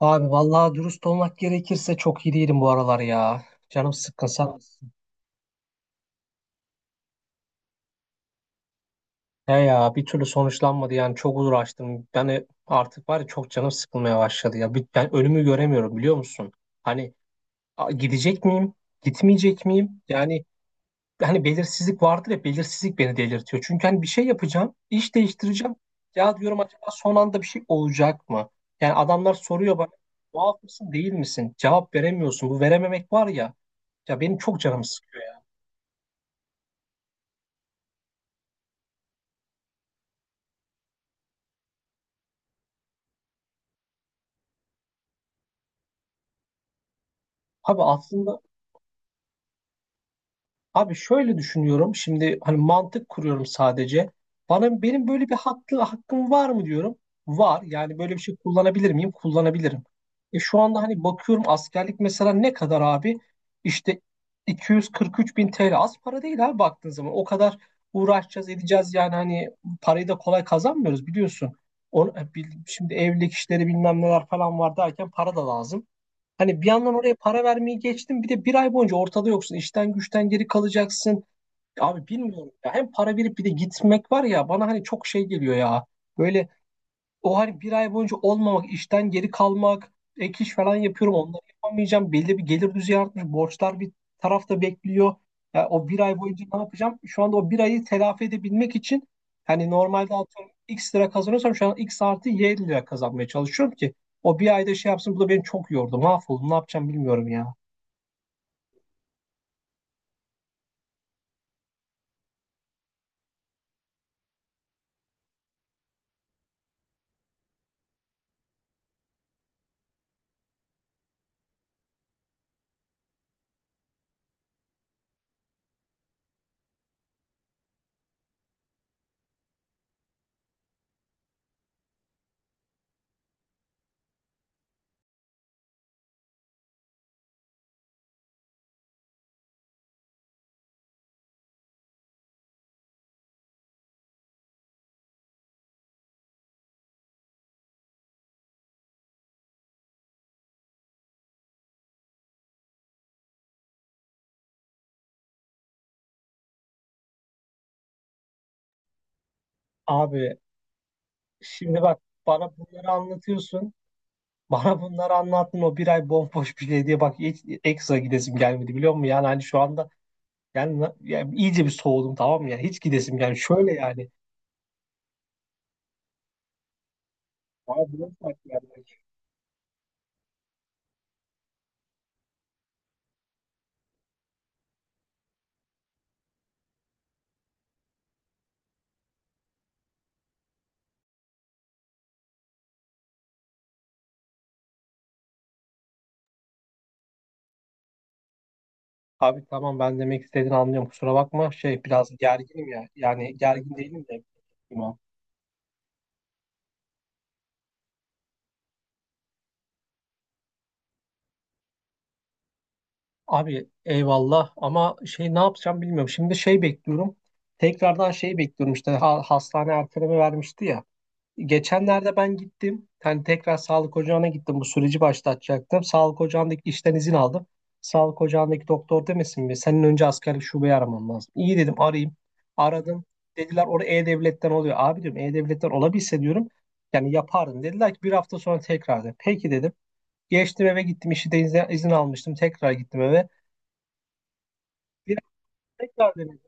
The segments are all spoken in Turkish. Abi vallahi dürüst olmak gerekirse çok iyi değilim bu aralar ya. Canım sıkkın, sen nasılsın? He ya, bir türlü sonuçlanmadı yani çok uğraştım. Artık var ya, çok canım sıkılmaya başladı ya. Ben önümü göremiyorum, biliyor musun? Hani, gidecek miyim? Gitmeyecek miyim? Yani, hani belirsizlik vardır ya, belirsizlik beni delirtiyor. Çünkü hani bir şey yapacağım, iş değiştireceğim. Ya diyorum, acaba son anda bir şey olacak mı? Yani adamlar soruyor bana, muaf mısın değil misin? Cevap veremiyorsun. Bu verememek var ya. Ya, benim çok canım sıkıyor. Abi aslında abi şöyle düşünüyorum. Şimdi hani mantık kuruyorum sadece. Bana benim böyle bir hakkı, hakkım var mı diyorum. Var. Yani böyle bir şey kullanabilir miyim? Kullanabilirim. Şu anda hani bakıyorum, askerlik mesela ne kadar abi? İşte 243 bin TL, az para değil abi baktığın zaman. O kadar uğraşacağız edeceğiz yani, hani parayı da kolay kazanmıyoruz biliyorsun. Şimdi evlilik işleri bilmem neler falan var derken, para da lazım. Hani bir yandan oraya para vermeyi geçtim, bir de bir ay boyunca ortada yoksun. İşten güçten geri kalacaksın. Abi bilmiyorum ya. Hem para verip bir de gitmek var ya, bana hani çok şey geliyor ya. Böyle, o hani bir ay boyunca olmamak, işten geri kalmak, ek iş falan yapıyorum, onları yapamayacağım. Belli bir gelir düzeyi artmış, borçlar bir tarafta bekliyor. Ya o bir ay boyunca ne yapacağım? Şu anda o bir ayı telafi edebilmek için hani, normalde atıyorum X lira kazanıyorsam, şu an X artı Y lira kazanmaya çalışıyorum ki o bir ayda şey yapsın. Bu da beni çok yordu. Mahvoldum, ne yapacağım bilmiyorum ya. Abi şimdi bak, bana bunları anlatıyorsun. Bana bunları anlattın, o bir ay bomboş bir şey diye bak, hiç ekstra gidesim gelmedi, biliyor musun? Yani, hani şu anda yani, yani iyice bir soğudum, tamam mı? Yani hiç gidesim, yani şöyle yani. Bana bunu Abi tamam, ben demek istediğini anlıyorum, kusura bakma, şey, biraz gerginim ya. Yani gergin değilim de, tamam. Abi eyvallah, ama şey, ne yapacağım bilmiyorum. Şimdi şey bekliyorum, tekrardan şey bekliyorum işte. Hastane erteleme vermişti ya. Geçenlerde ben gittim. Hani tekrar sağlık ocağına gittim. Bu süreci başlatacaktım. Sağlık ocağındaki işten izin aldım. Sağlık ocağındaki doktor demesin mi, senin önce askerlik şubeyi aramam lazım. İyi dedim, arayayım. Aradım. Dediler orada E-Devlet'ten oluyor. Abi diyorum, E-Devlet'ten olabilse diyorum, yani yapardım. Dediler ki bir hafta sonra tekrar. Dedim peki, dedim. Geçtim eve gittim. İşi de izin almıştım. Tekrar gittim eve. Bir hafta tekrar denedim.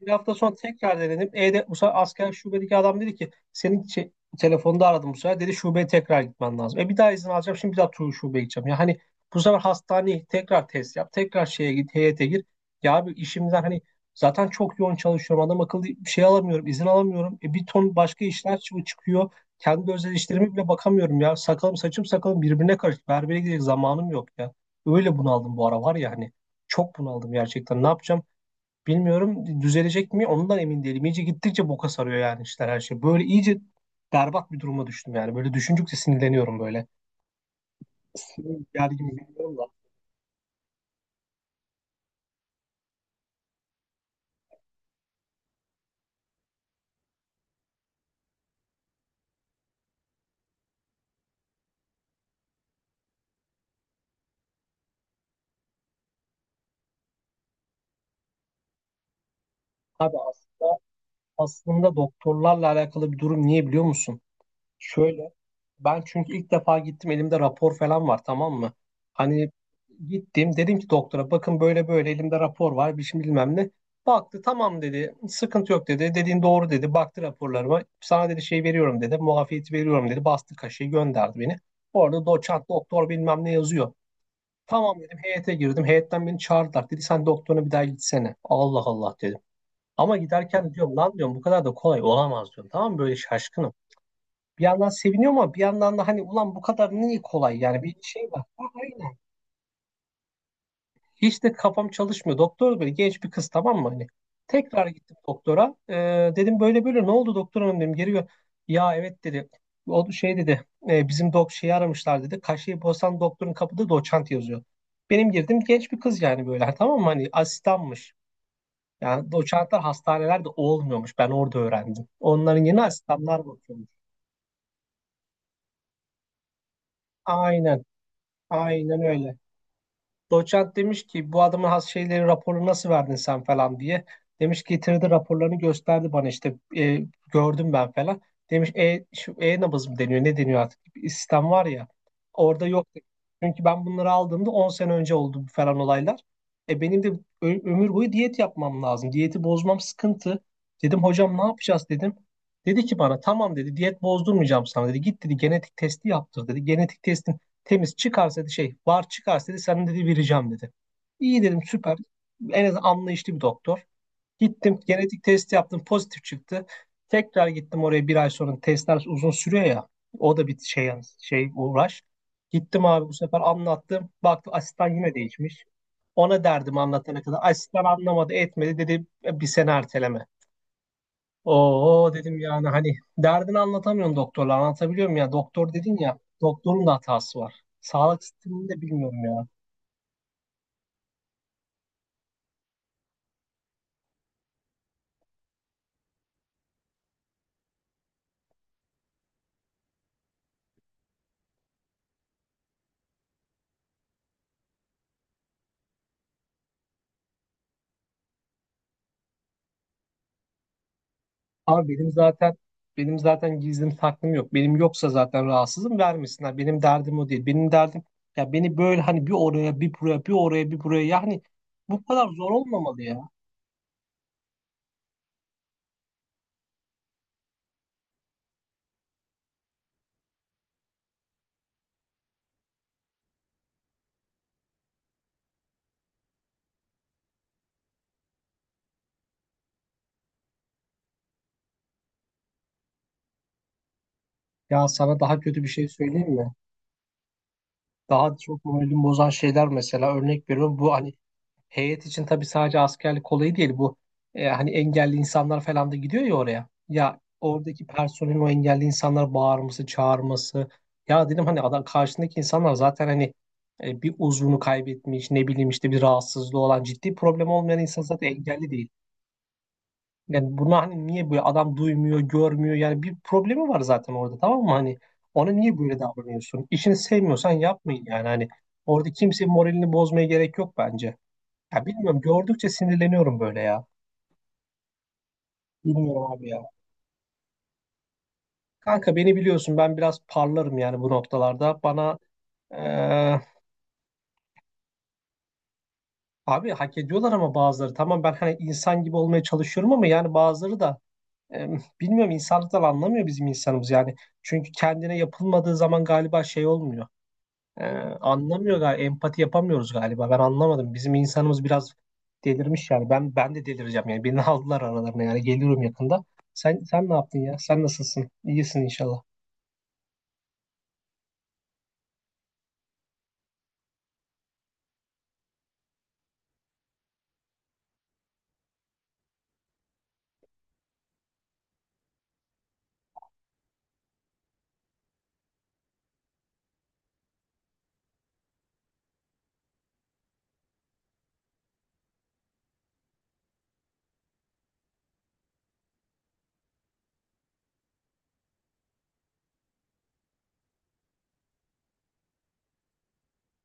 Bir hafta sonra tekrar denedim. E'de bu sefer asker şubedeki adam dedi ki senin şey, telefonda aradım bu sefer. Dedi şubeye tekrar gitmen lazım. Bir daha izin alacağım. Şimdi bir daha tur şubeye gideceğim. Ya hani bu sefer hastaneye tekrar test yap, tekrar şeye git, heyete gir. Ya abi, işimden hani zaten çok yoğun çalışıyorum. Adam akıllı bir şey alamıyorum, izin alamıyorum. Bir ton başka işler çıkıyor. Kendi özel işlerime bile bakamıyorum ya. Sakalım saçım sakalım birbirine karıştı. Berbere gidecek zamanım yok ya. Öyle bunaldım bu ara var ya, hani çok bunaldım gerçekten. Ne yapacağım? Bilmiyorum, düzelecek mi ondan emin değilim. İyice gittikçe boka sarıyor yani, işler, her şey. Böyle iyice berbat bir duruma düştüm yani. Böyle düşündükçe sinirleniyorum böyle, sinir geldi gibi, bilmiyorum da. Abi aslında, doktorlarla alakalı bir durum, niye biliyor musun? Şöyle, ben çünkü ilk defa gittim, elimde rapor falan var, tamam mı? Hani gittim, dedim ki doktora, bakın böyle böyle, elimde rapor var, bir şey, bilmem ne. Baktı, tamam dedi, sıkıntı yok dedi, dediğin doğru dedi, baktı raporlarıma, sana dedi şey veriyorum dedi, muafiyeti veriyorum dedi, bastı kaşeyi, gönderdi beni. Orada doçent doktor bilmem ne yazıyor. Tamam dedim, heyete girdim, heyetten beni çağırdılar, dedi sen doktoruna bir daha gitsene. Allah Allah dedim. Ama giderken diyorum, lan diyorum bu kadar da kolay olamaz diyorum, tamam mı, böyle şaşkınım. Bir yandan seviniyor, ama bir yandan da hani, ulan bu kadar niye kolay, yani bir şey var. Ha, aynen. Hiç de kafam çalışmıyor. Doktor böyle genç bir kız, tamam mı hani. Tekrar gittim doktora. Dedim böyle böyle, ne oldu doktor hanım dedim. Ya evet dedi. O şey dedi, bizim şeyi aramışlar" dedi. Kaşeyi bozan doktorun kapıda doçent yazıyor. Benim girdim genç bir kız, yani böyle tamam mı hani, asistanmış. Yani doçentler hastanelerde olmuyormuş. Ben orada öğrendim. Onların yeni, asistanlar bakıyormuş. Aynen. Aynen öyle. Doçent demiş ki bu adamın has şeyleri, raporu nasıl verdin sen falan diye. Demiş, getirdi raporlarını gösterdi bana işte, gördüm ben falan. Demiş, şu E-Nabız mı deniyor ne deniyor artık, bir sistem var ya, orada yok. Çünkü ben bunları aldığımda 10 sene önce oldu bu falan olaylar. Benim de ömür boyu diyet yapmam lazım. Diyeti bozmam sıkıntı. Dedim hocam ne yapacağız dedim. Dedi ki bana, tamam dedi, diyet bozdurmayacağım sana dedi. Git dedi, genetik testi yaptır dedi. Genetik testi temiz çıkarsa dedi, şey var çıkarsa dedi senin, dedi vereceğim dedi. İyi dedim, süper. En az anlayışlı bir doktor. Gittim genetik test yaptım, pozitif çıktı. Tekrar gittim oraya bir ay sonra, testler uzun sürüyor ya. O da bir şey uğraş. Gittim abi, bu sefer anlattım. Baktım asistan yine değişmiş. Ona derdim anlatana kadar. Asistan anlamadı etmedi, dedi "E, bir sene erteleme." Oo dedim, yani hani derdini anlatamıyorsun doktorla, anlatabiliyor muyum ya, doktor dedin ya, doktorun da hatası var. Sağlık sisteminde, bilmiyorum ya. Ama benim zaten gizlim saklım yok. Benim yoksa zaten rahatsızım, vermesinler. Benim derdim o değil. Benim derdim ya, beni böyle hani bir oraya bir buraya bir oraya bir buraya yani, bu kadar zor olmamalı ya. Ya sana daha kötü bir şey söyleyeyim mi? Daha çok moralimi bozan şeyler, mesela örnek veriyorum, bu hani heyet için tabii, sadece askerlik olayı değil bu, hani engelli insanlar falan da gidiyor ya oraya. Ya oradaki personelin o engelli insanlar bağırması, çağırması. Ya dedim hani, adam karşındaki insanlar zaten hani, bir uzvunu kaybetmiş, ne bileyim işte bir rahatsızlığı olan, ciddi problem olmayan insan zaten engelli değil. Yani buna hani niye böyle adam, duymuyor, görmüyor yani, bir problemi var zaten orada, tamam mı hani. Ona niye böyle davranıyorsun? İşini sevmiyorsan yapmayın yani, hani orada kimsenin moralini bozmaya gerek yok bence. Ya bilmiyorum, gördükçe sinirleniyorum böyle ya. Bilmiyorum abi ya. Kanka beni biliyorsun, ben biraz parlarım yani bu noktalarda. Bana eee, abi hak ediyorlar ama bazıları. Tamam ben hani insan gibi olmaya çalışıyorum, ama yani bazıları da, bilmiyorum, insanlıktan anlamıyor bizim insanımız yani. Çünkü kendine yapılmadığı zaman galiba şey olmuyor. Ee, anlamıyor galiba, empati yapamıyoruz galiba. Ben anlamadım. Bizim insanımız biraz delirmiş yani. Ben de delireceğim yani. Beni aldılar aralarına yani. Geliyorum yakında. Sen ne yaptın ya? Sen nasılsın? İyisin inşallah.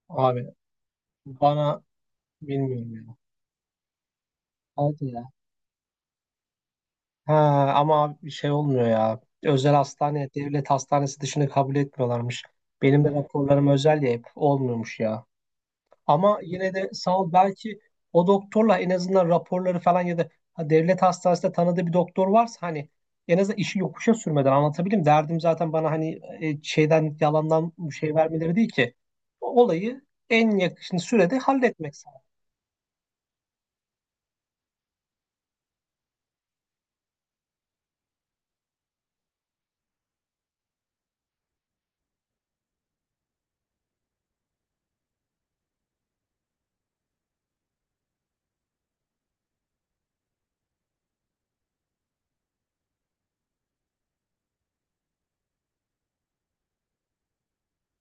Abi bana bilmiyorum ya. Hadi ya. Ha, ama abi bir şey olmuyor ya. Özel hastane, devlet hastanesi dışında kabul etmiyorlarmış. Benim de raporlarım özel ya, hep olmuyormuş ya. Ama yine de sağ ol, belki o doktorla en azından raporları falan, ya da ha, devlet hastanesinde tanıdığı bir doktor varsa hani, en azından işi yokuşa sürmeden anlatabilirim. Derdim zaten bana hani, şeyden yalandan şey vermeleri değil ki. O olayı en yakın sürede halletmek, sağ ol.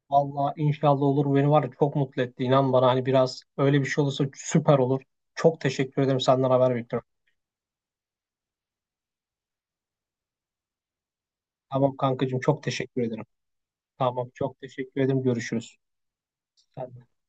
Vallahi inşallah olur. Beni var ya çok mutlu etti. İnan bana hani, biraz öyle bir şey olursa süper olur. Çok teşekkür ederim, senden haber bekliyorum. Tamam kankacığım, çok teşekkür ederim. Tamam çok teşekkür ederim. Görüşürüz. Sen